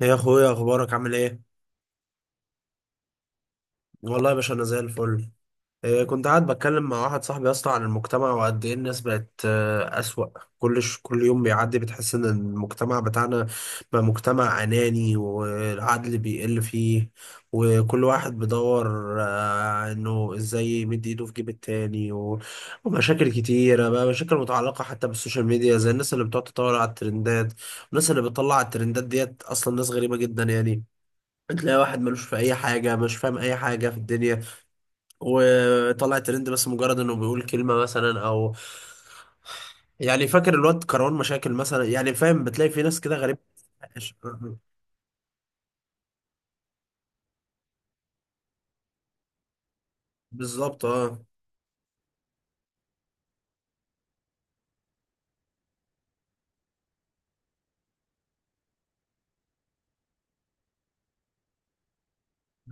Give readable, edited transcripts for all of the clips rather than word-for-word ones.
يا اخويا، اخبارك عامل ايه؟ والله يا باشا انا زي الفل. إيه، كنت قاعد بتكلم مع واحد صاحبي يا اسطى عن المجتمع وقد ايه الناس بقت اسوأ. كل يوم بيعدي بتحس ان المجتمع بتاعنا بقى مجتمع اناني، والعدل بيقل فيه، وكل واحد بيدور انه ازاي يمد ايده في جيب التاني ومشاكل كتيرة بقى، مشاكل متعلقة حتى بالسوشيال ميديا، زي الناس اللي بتقعد تطور على الترندات، والناس اللي بتطلع على الترندات ديت اصلا ناس غريبة جدا يعني. تلاقي واحد ملوش في اي حاجه، مش فاهم اي حاجه في الدنيا، وطلع ترند بس مجرد انه بيقول كلمه مثلا، او يعني فاكر الواد كروان مشاكل مثلا، يعني فاهم، بتلاقي في ناس كده غريبه. بالظبط، اه.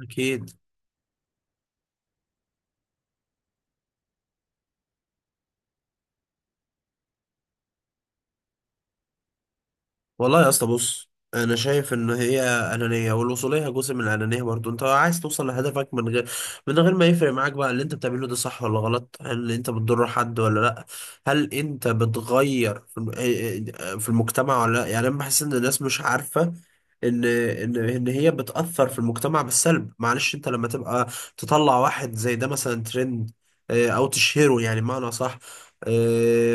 اكيد. والله يا اسطى بص، انا شايف ان هي انانيه، والوصوليه جزء من الانانيه برضو. انت عايز توصل لهدفك من غير ما يفرق معاك بقى اللي انت بتعمله ده صح ولا غلط، هل انت بتضر حد ولا لا، هل انت بتغير في في المجتمع ولا لا. يعني انا بحس ان الناس مش عارفه ان هي بتاثر في المجتمع بالسلب. معلش، انت لما تبقى تطلع واحد زي ده مثلا ترند او تشهره، يعني معنى صح،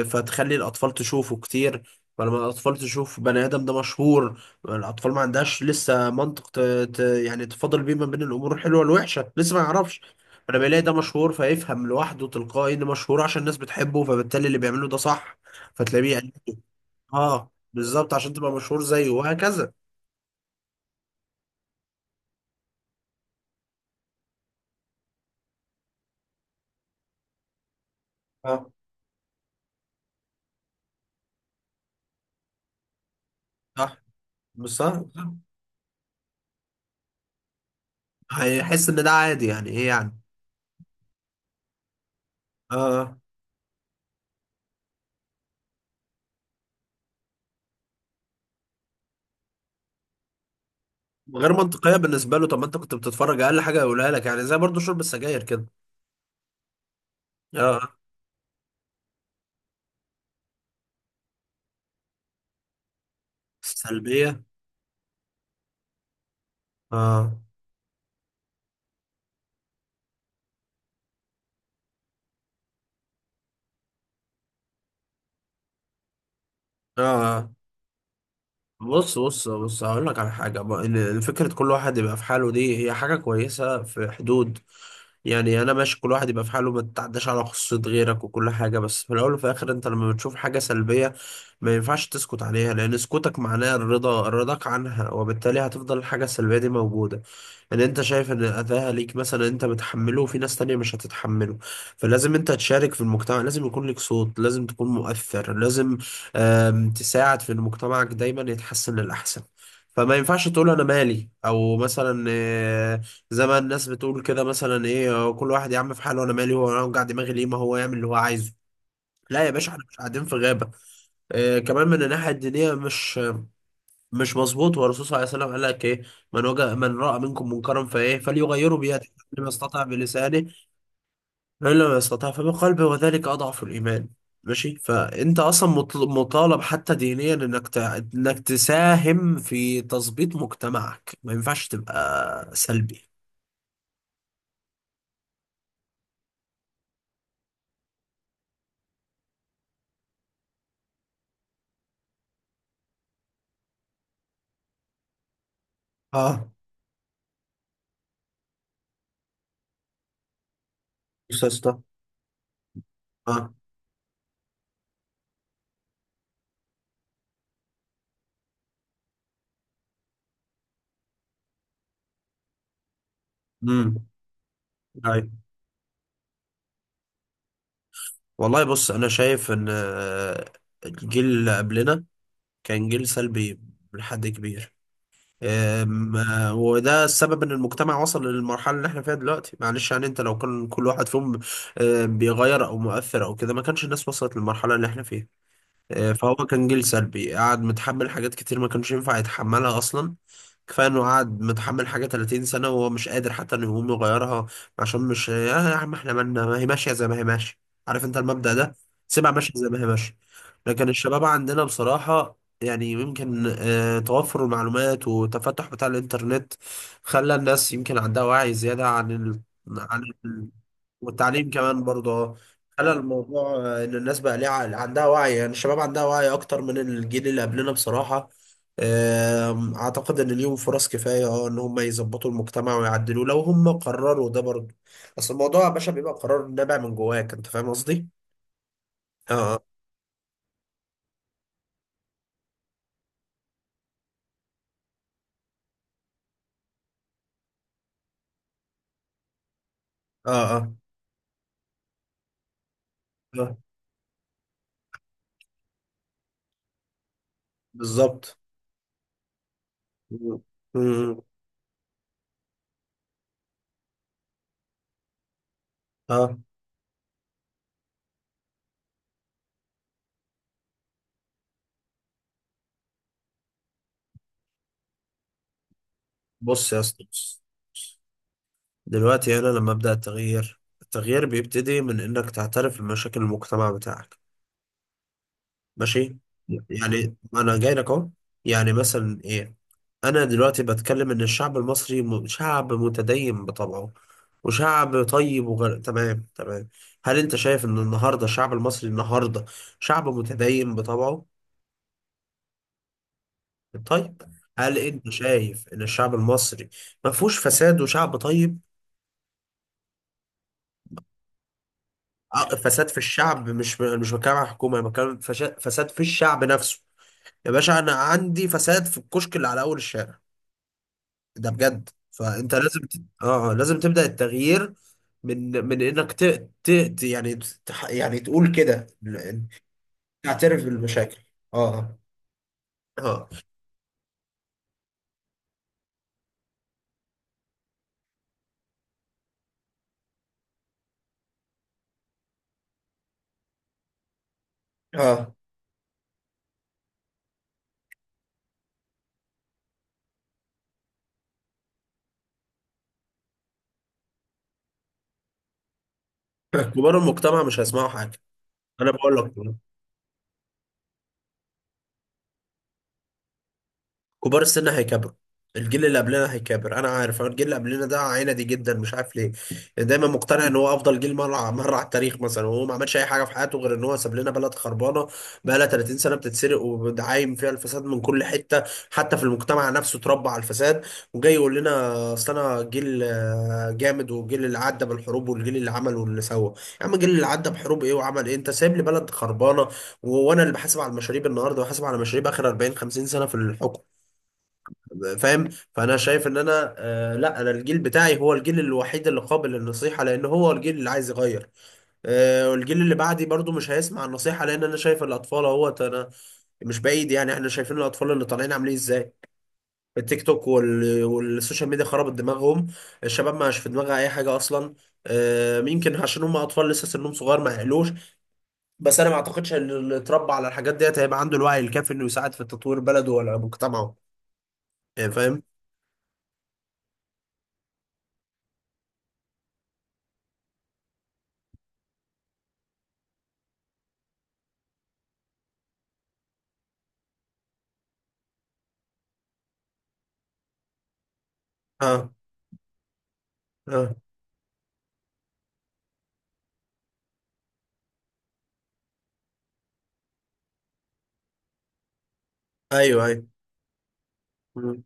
فتخلي الاطفال تشوفه كتير. فلما الأطفال تشوف بني آدم ده مشهور، الأطفال ما عندهاش لسه منطق يعني تفاضل بيه ما بين الأمور الحلوة والوحشة، لسه ما يعرفش. فلما بيلاقي ده مشهور، فيفهم لوحده تلقائي إن مشهور عشان الناس بتحبه، فبالتالي اللي بيعمله ده صح. فتلاقيه يعني. آه بالظبط، عشان تبقى مشهور زيه وهكذا. اه. صح، مش صح؟ هيحس إن ده عادي، يعني إيه يعني. آه آه. غير منطقية بالنسبة له. طب ما أنت كنت بتتفرج، أقل حاجة يقولها لك، يعني زي برضو شرب السجاير كده. آه. سلبية. آه. اه. بص بص بص، هقول لك على حاجة بقى، فكرة كل واحد يبقى في حاله دي هي حاجة كويسة في حدود. يعني انا ماشي كل واحد يبقى في حاله، ما تتعداش على خصوصية غيرك وكل حاجة، بس في الاول وفي الاخر انت لما بتشوف حاجة سلبية ما ينفعش تسكت عليها، لان سكوتك معناه الرضا، رضاك عنها، وبالتالي هتفضل الحاجة السلبية دي موجودة. ان انت شايف ان اذاها ليك مثلا انت بتحمله، وفي ناس تانية مش هتتحمله. فلازم انت تشارك في المجتمع، لازم يكون لك صوت، لازم تكون مؤثر، لازم تساعد في ان مجتمعك دايما يتحسن للأحسن. فما ينفعش تقول انا مالي، او مثلا زي ما الناس بتقول كده مثلا ايه، كل واحد يا عم في حاله، انا مالي، هو انا وجع دماغي ليه، ما هو يعمل اللي هو عايزه. لا يا باشا، احنا مش قاعدين في غابة. آه، كمان من الناحية الدينية مش مظبوط. والرسول صلى الله عليه وسلم قال لك ايه؟ من وجد، من رأى منكم منكرا فليغيره بيده، لما يستطع بلسانه، فإن لم يستطع فبقلبه، وذلك أضعف الإيمان. ماشي، فانت اصلا مطالب حتى دينيا انك انك تساهم في تظبيط مجتمعك، ما ينفعش تبقى سلبي. اه. بص يا اسطى. امم. ايوه. والله بص انا شايف ان الجيل اللي قبلنا كان جيل سلبي لحد كبير. أم، آه، وده السبب ان المجتمع وصل للمرحله اللي احنا فيها دلوقتي. معلش يعني انت لو كان كل واحد فيهم بيغير او مؤثر او كده، ما كانش الناس وصلت للمرحله اللي احنا فيها. فهو كان جيل سلبي، قعد متحمل حاجات كتير ما كانش ينفع يتحملها اصلا. كفايه انه قعد متحمل حاجه 30 سنه وهو مش قادر حتى انه يقوم يغيرها، عشان مش يا عم احنا مالنا، ما هي ماشيه زي ما هي ماشيه، عارف انت المبدأ ده، سيبها ماشيه زي ما هي ماشيه. لكن الشباب عندنا بصراحه، يعني يمكن توفر المعلومات والتفتح بتاع الانترنت خلى الناس يمكن عندها وعي زياده عن ال... والتعليم كمان برضه، خلى الموضوع ان الناس بقى عندها وعي، يعني الشباب عندها وعي اكتر من الجيل اللي قبلنا بصراحة. اعتقد ان ليهم فرص كفاية اه ان هم يظبطوا المجتمع ويعدلوه لو هم قرروا ده برضه. اصل الموضوع يا باشا بيبقى قرار نابع من جواك، انت فاهم قصدي؟ اه اه. اه اه. آه، بالظبط. مم. مم. اه، بص يا اسطى بص. دلوقتي انا لما ابدا التغيير، التغيير بيبتدي من انك تعترف بمشاكل المجتمع بتاعك. ماشي. يعني ما انا جاي لك اهو. يعني مثلا ايه؟ انا دلوقتي بتكلم ان الشعب المصري شعب متدين بطبعه وشعب طيب وغير، تمام تمام. هل انت شايف ان النهارده الشعب المصري النهارده شعب متدين بطبعه؟ طيب. هل انت شايف ان الشعب المصري ما فيهوش فساد وشعب طيب؟ فساد في الشعب، مش بتكلم عن الحكومه، أنا بتكلم فساد في الشعب نفسه. يا باشا انا عندي فساد في الكشك اللي على اول الشارع، ده بجد. فانت لازم اه اه، لازم تبدا التغيير من انك يعني يعني تقول كده تعترف بالمشاكل. اه. اه. اه. كبار المجتمع مش هيسمعوا حاجه. انا بقول لك كبار السن هيكبروا، الجيل اللي قبلنا هيكبر. انا عارف أنا الجيل اللي قبلنا ده عينه دي جدا، مش عارف ليه يعني، دايما مقتنع ان هو افضل جيل مره مره على التاريخ مثلا، وهو ما عملش اي حاجه في حياته غير ان هو ساب لنا بلد خربانه بقى لها 30 سنه بتتسرق، وعايم فيها الفساد من كل حته، حتى في المجتمع نفسه اتربى على الفساد. وجاي يقول لنا اصل انا جيل جامد، والجيل اللي عدى بالحروب، والجيل اللي عمل واللي سوى. يا عم، الجيل اللي عدى بحروب ايه وعمل ايه؟ انت سايب لي بلد خربانه، وانا اللي بحاسب على المشاريب النهارده، وحاسب على مشاريب اخر 40 50 سنه في الحكم. فاهم؟ فانا شايف ان انا آه، لا، انا الجيل بتاعي هو الجيل الوحيد اللي قابل للنصيحه، لان هو الجيل اللي عايز يغير. آه، والجيل اللي بعدي برضو مش هيسمع النصيحه، لان انا شايف الاطفال اهوت انا، مش بعيد يعني، احنا شايفين الاطفال اللي طالعين عاملين ازاي. التيك توك والسوشيال ميديا خربت دماغهم. الشباب ما عادش في دماغها اي حاجه اصلا. آه، يمكن عشان هم اطفال لسه سنهم صغير ما يعقلوش، بس انا ما اعتقدش ان اللي اتربى على الحاجات ديت هيبقى عنده الوعي الكافي انه يساعد في تطوير بلده ولا مجتمعه، يعني فاهم. اه اه. ايوه ايوه. مم.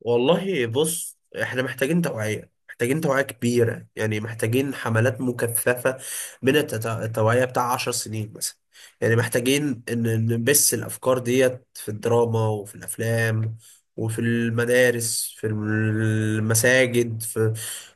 والله بص احنا محتاجين توعية، محتاجين توعية كبيرة، يعني محتاجين حملات مكثفة من التوعية بتاع 10 سنين مثلا، يعني محتاجين ان نبث الأفكار ديت في الدراما وفي الأفلام وفي المدارس، في المساجد، في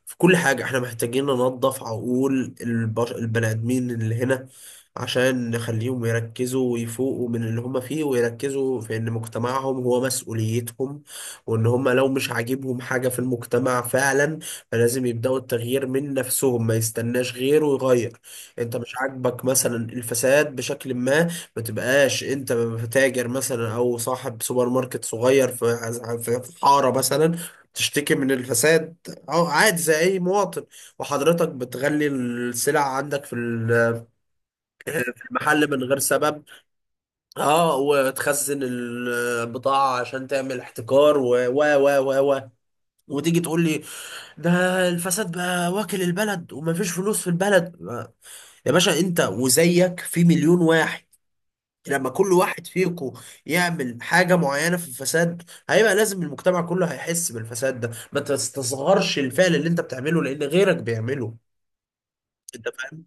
في كل حاجة. احنا محتاجين ننظف عقول البني آدمين اللي هنا، عشان نخليهم يركزوا ويفوقوا من اللي هم فيه، ويركزوا في ان مجتمعهم هو مسؤوليتهم، وان هم لو مش عاجبهم حاجة في المجتمع فعلا، فلازم يبدأوا التغيير من نفسهم، ما يستناش غيره يغير. انت مش عاجبك مثلا الفساد بشكل ما، ما تبقاش انت تاجر مثلا او صاحب سوبر ماركت صغير في حارة مثلا، تشتكي من الفساد، اه عادي زي اي مواطن، وحضرتك بتغلي السلع عندك في المحل من غير سبب، اه، وتخزن البضاعة عشان تعمل احتكار و وتيجي تقول لي ده الفساد بقى واكل البلد ومفيش فلوس في البلد. يا باشا انت وزيك في مليون واحد، لما كل واحد فيكم يعمل حاجة معينة في الفساد هيبقى لازم المجتمع كله هيحس بالفساد ده. ما تستصغرش الفعل اللي انت بتعمله لان غيرك بيعمله. انت فاهم؟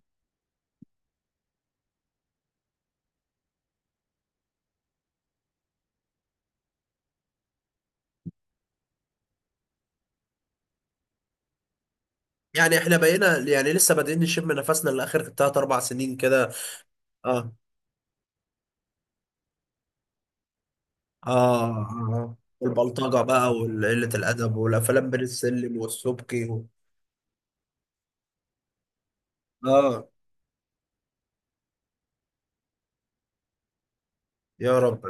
يعني احنا بقينا يعني لسه بادئين نشم نفسنا لاخر 3-4 سنين كده. اه اه اه، والبلطجة بقى وقلة الادب والافلام بين السلم والسبكي و... اه. يا رب،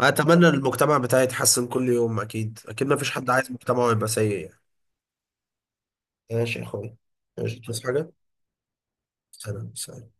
اتمنى المجتمع بتاعي يتحسن كل يوم، اكيد اكيد ما فيش حد عايز مجتمعه يبقى سيء يعني. ماشي يا اخويا. ماشي، تصحى حاجه؟ سلام سلام.